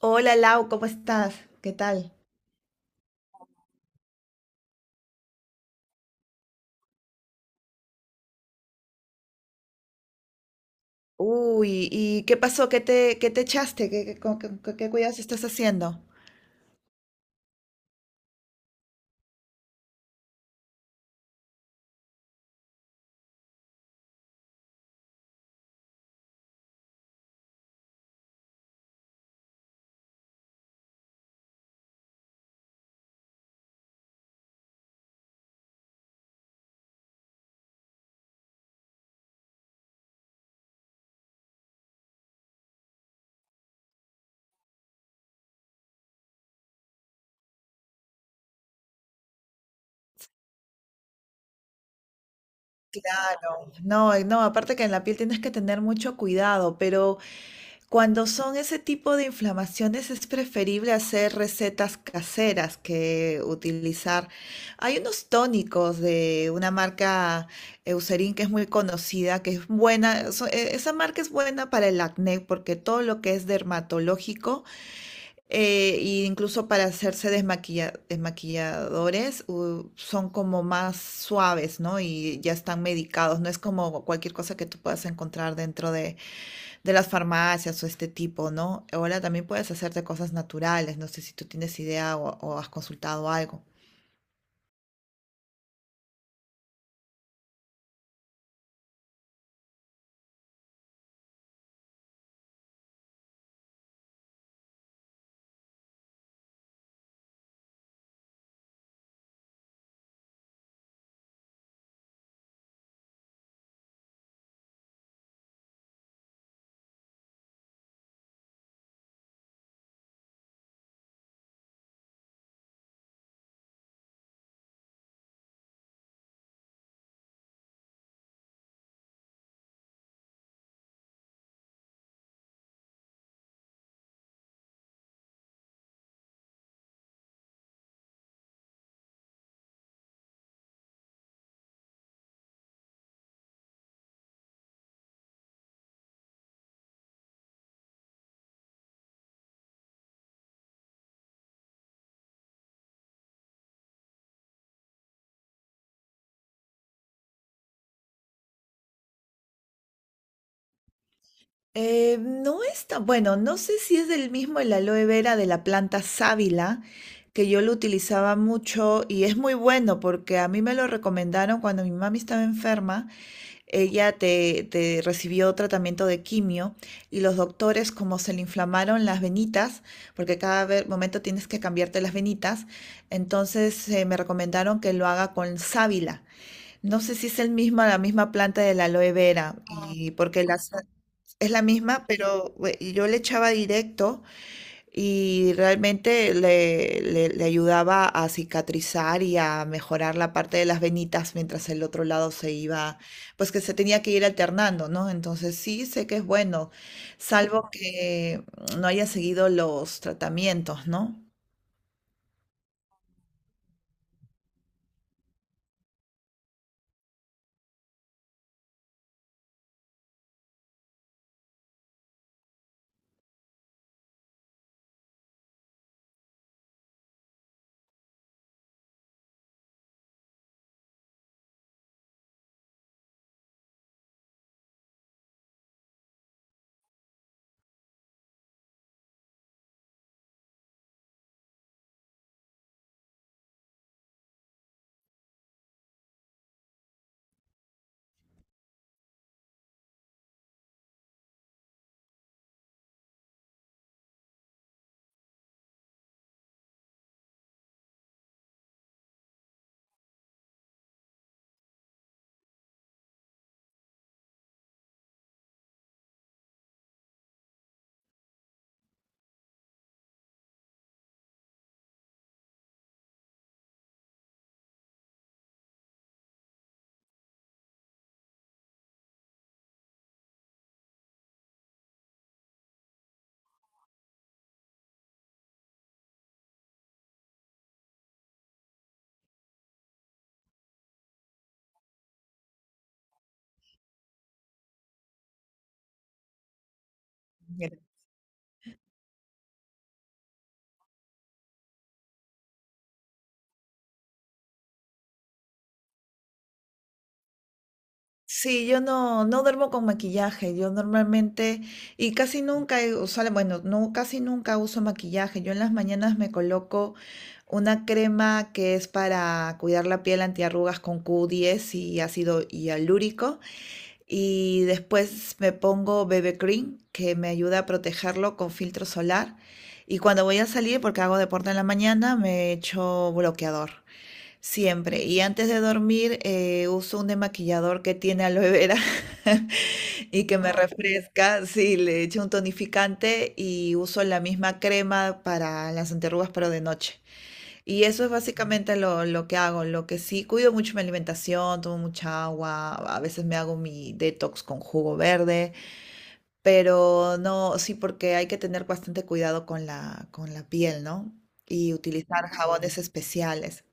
Hola Lau, ¿cómo estás? ¿Qué tal? Uy, ¿y qué pasó? ¿Qué te echaste? ¿Con qué cuidados estás haciendo? No, no, aparte que en la piel tienes que tener mucho cuidado, pero cuando son ese tipo de inflamaciones es preferible hacer recetas caseras que utilizar. Hay unos tónicos de una marca Eucerin que es muy conocida, que es buena, esa marca es buena para el acné porque todo lo que es dermatológico. Eh, E incluso para hacerse desmaquilladores, son como más suaves, ¿no? Y ya están medicados. No es como cualquier cosa que tú puedas encontrar dentro de las farmacias o este tipo, ¿no? Ahora también puedes hacerte cosas naturales. No sé si tú tienes idea o has consultado algo. No está, bueno, no sé si es del mismo el aloe vera de la planta sábila, que yo lo utilizaba mucho y es muy bueno porque a mí me lo recomendaron cuando mi mami estaba enferma, ella te recibió tratamiento de quimio y los doctores como se le inflamaron las venitas, porque cada momento tienes que cambiarte las venitas, entonces me recomendaron que lo haga con sábila. No sé si es el mismo, la misma planta de la aloe vera, y porque las es la misma, pero yo le echaba directo, y realmente le ayudaba a cicatrizar y a mejorar la parte de las venitas mientras el otro lado se iba, pues que se tenía que ir alternando, ¿no? Entonces sí sé que es bueno, salvo que no haya seguido los tratamientos, ¿no? Sí, yo no, no duermo con maquillaje. Yo normalmente, y casi nunca he usado, bueno, no, casi nunca uso maquillaje. Yo en las mañanas me coloco una crema que es para cuidar la piel antiarrugas con Q10 y ácido hialúrico. Y después me pongo BB Cream, que me ayuda a protegerlo con filtro solar. Y cuando voy a salir, porque hago deporte en la mañana, me echo bloqueador. Siempre. Y antes de dormir, uso un demaquillador que tiene aloe vera y que me ah, refresca. Sí, le echo un tonificante y uso la misma crema para las anterrugas, pero de noche. Y eso es básicamente lo que hago. Lo que sí, cuido mucho mi alimentación, tomo mucha agua, a veces me hago mi detox con jugo verde, pero no, sí, porque hay que tener bastante cuidado con la piel, ¿no? Y utilizar jabones especiales.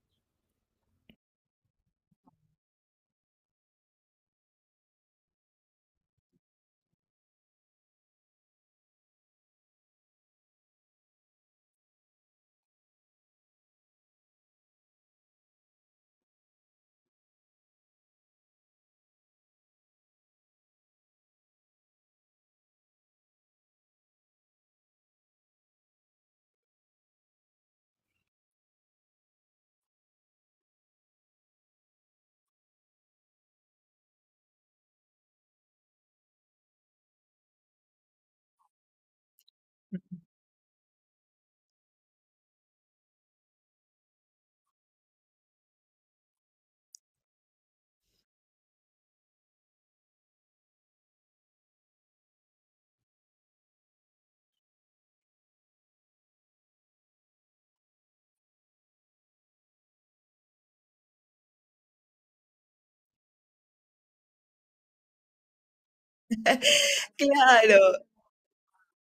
Claro,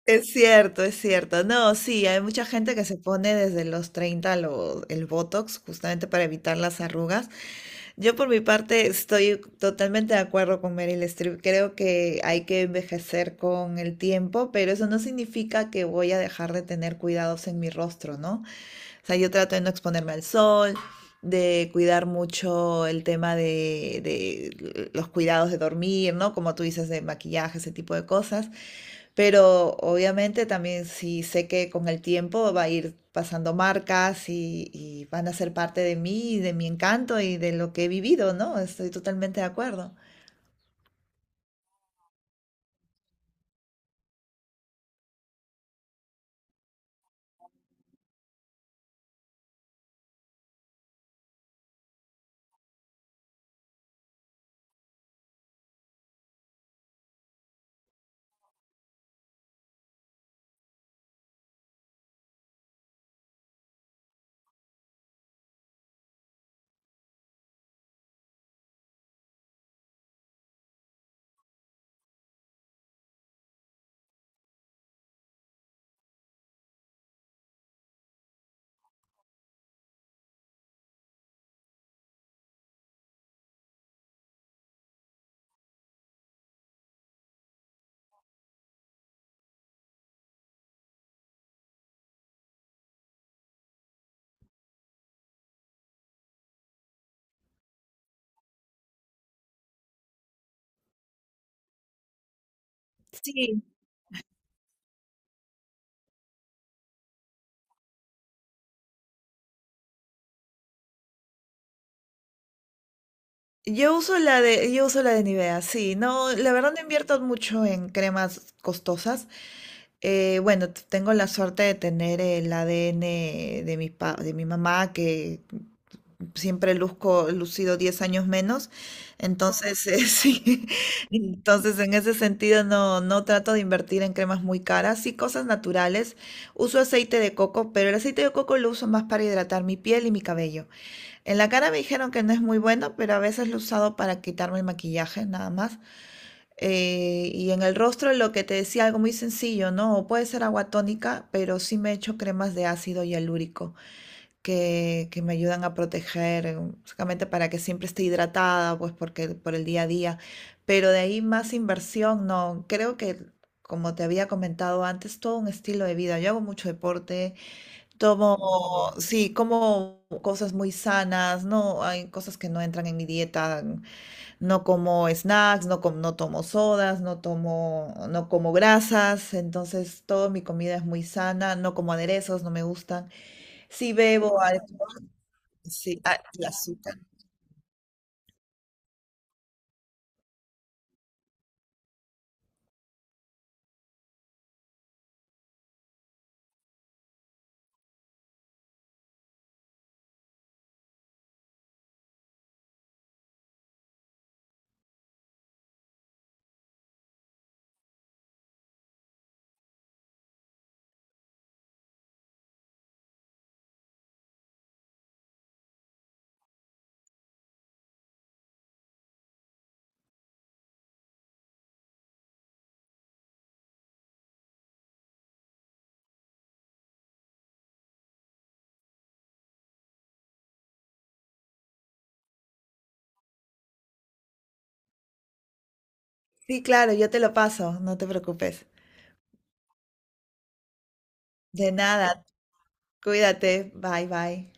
es cierto, es cierto. No, sí, hay mucha gente que se pone desde los 30 el Botox justamente para evitar las arrugas. Yo por mi parte estoy totalmente de acuerdo con Meryl Streep. Creo que hay que envejecer con el tiempo, pero eso no significa que voy a dejar de tener cuidados en mi rostro, ¿no? O sea, yo trato de no exponerme al sol, de cuidar mucho el tema de los cuidados de dormir, ¿no? Como tú dices, de maquillaje, ese tipo de cosas. Pero obviamente también sí sé que con el tiempo va a ir pasando marcas y van a ser parte de mí, y de mi encanto y de lo que he vivido, ¿no? Estoy totalmente de acuerdo. Sí, yo uso la de Nivea, sí. No, la verdad no invierto mucho en cremas costosas. Bueno, tengo la suerte de tener el ADN de de mi mamá, que siempre luzco lucido 10 años menos. Entonces, sí, entonces en ese sentido no, no trato de invertir en cremas muy caras, sí cosas naturales. Uso aceite de coco, pero el aceite de coco lo uso más para hidratar mi piel y mi cabello. En la cara me dijeron que no es muy bueno, pero a veces lo he usado para quitarme el maquillaje, nada más. Y en el rostro lo que te decía, algo muy sencillo, ¿no? O puede ser agua tónica, pero sí me he hecho cremas de ácido hialurónico que me ayudan a proteger, básicamente para que siempre esté hidratada, pues porque por el día a día. Pero de ahí más inversión, no. Creo que, como te había comentado antes, todo un estilo de vida. Yo hago mucho deporte, tomo, sí, como cosas muy sanas, no hay cosas que no entran en mi dieta. No como snacks, no, no tomo sodas, no tomo, no como grasas, entonces toda mi comida es muy sana, no como aderezos, no me gustan. Sí bebo, sí, ah, el azúcar. Sí, claro, yo te lo paso, no te preocupes. De nada, cuídate, bye bye.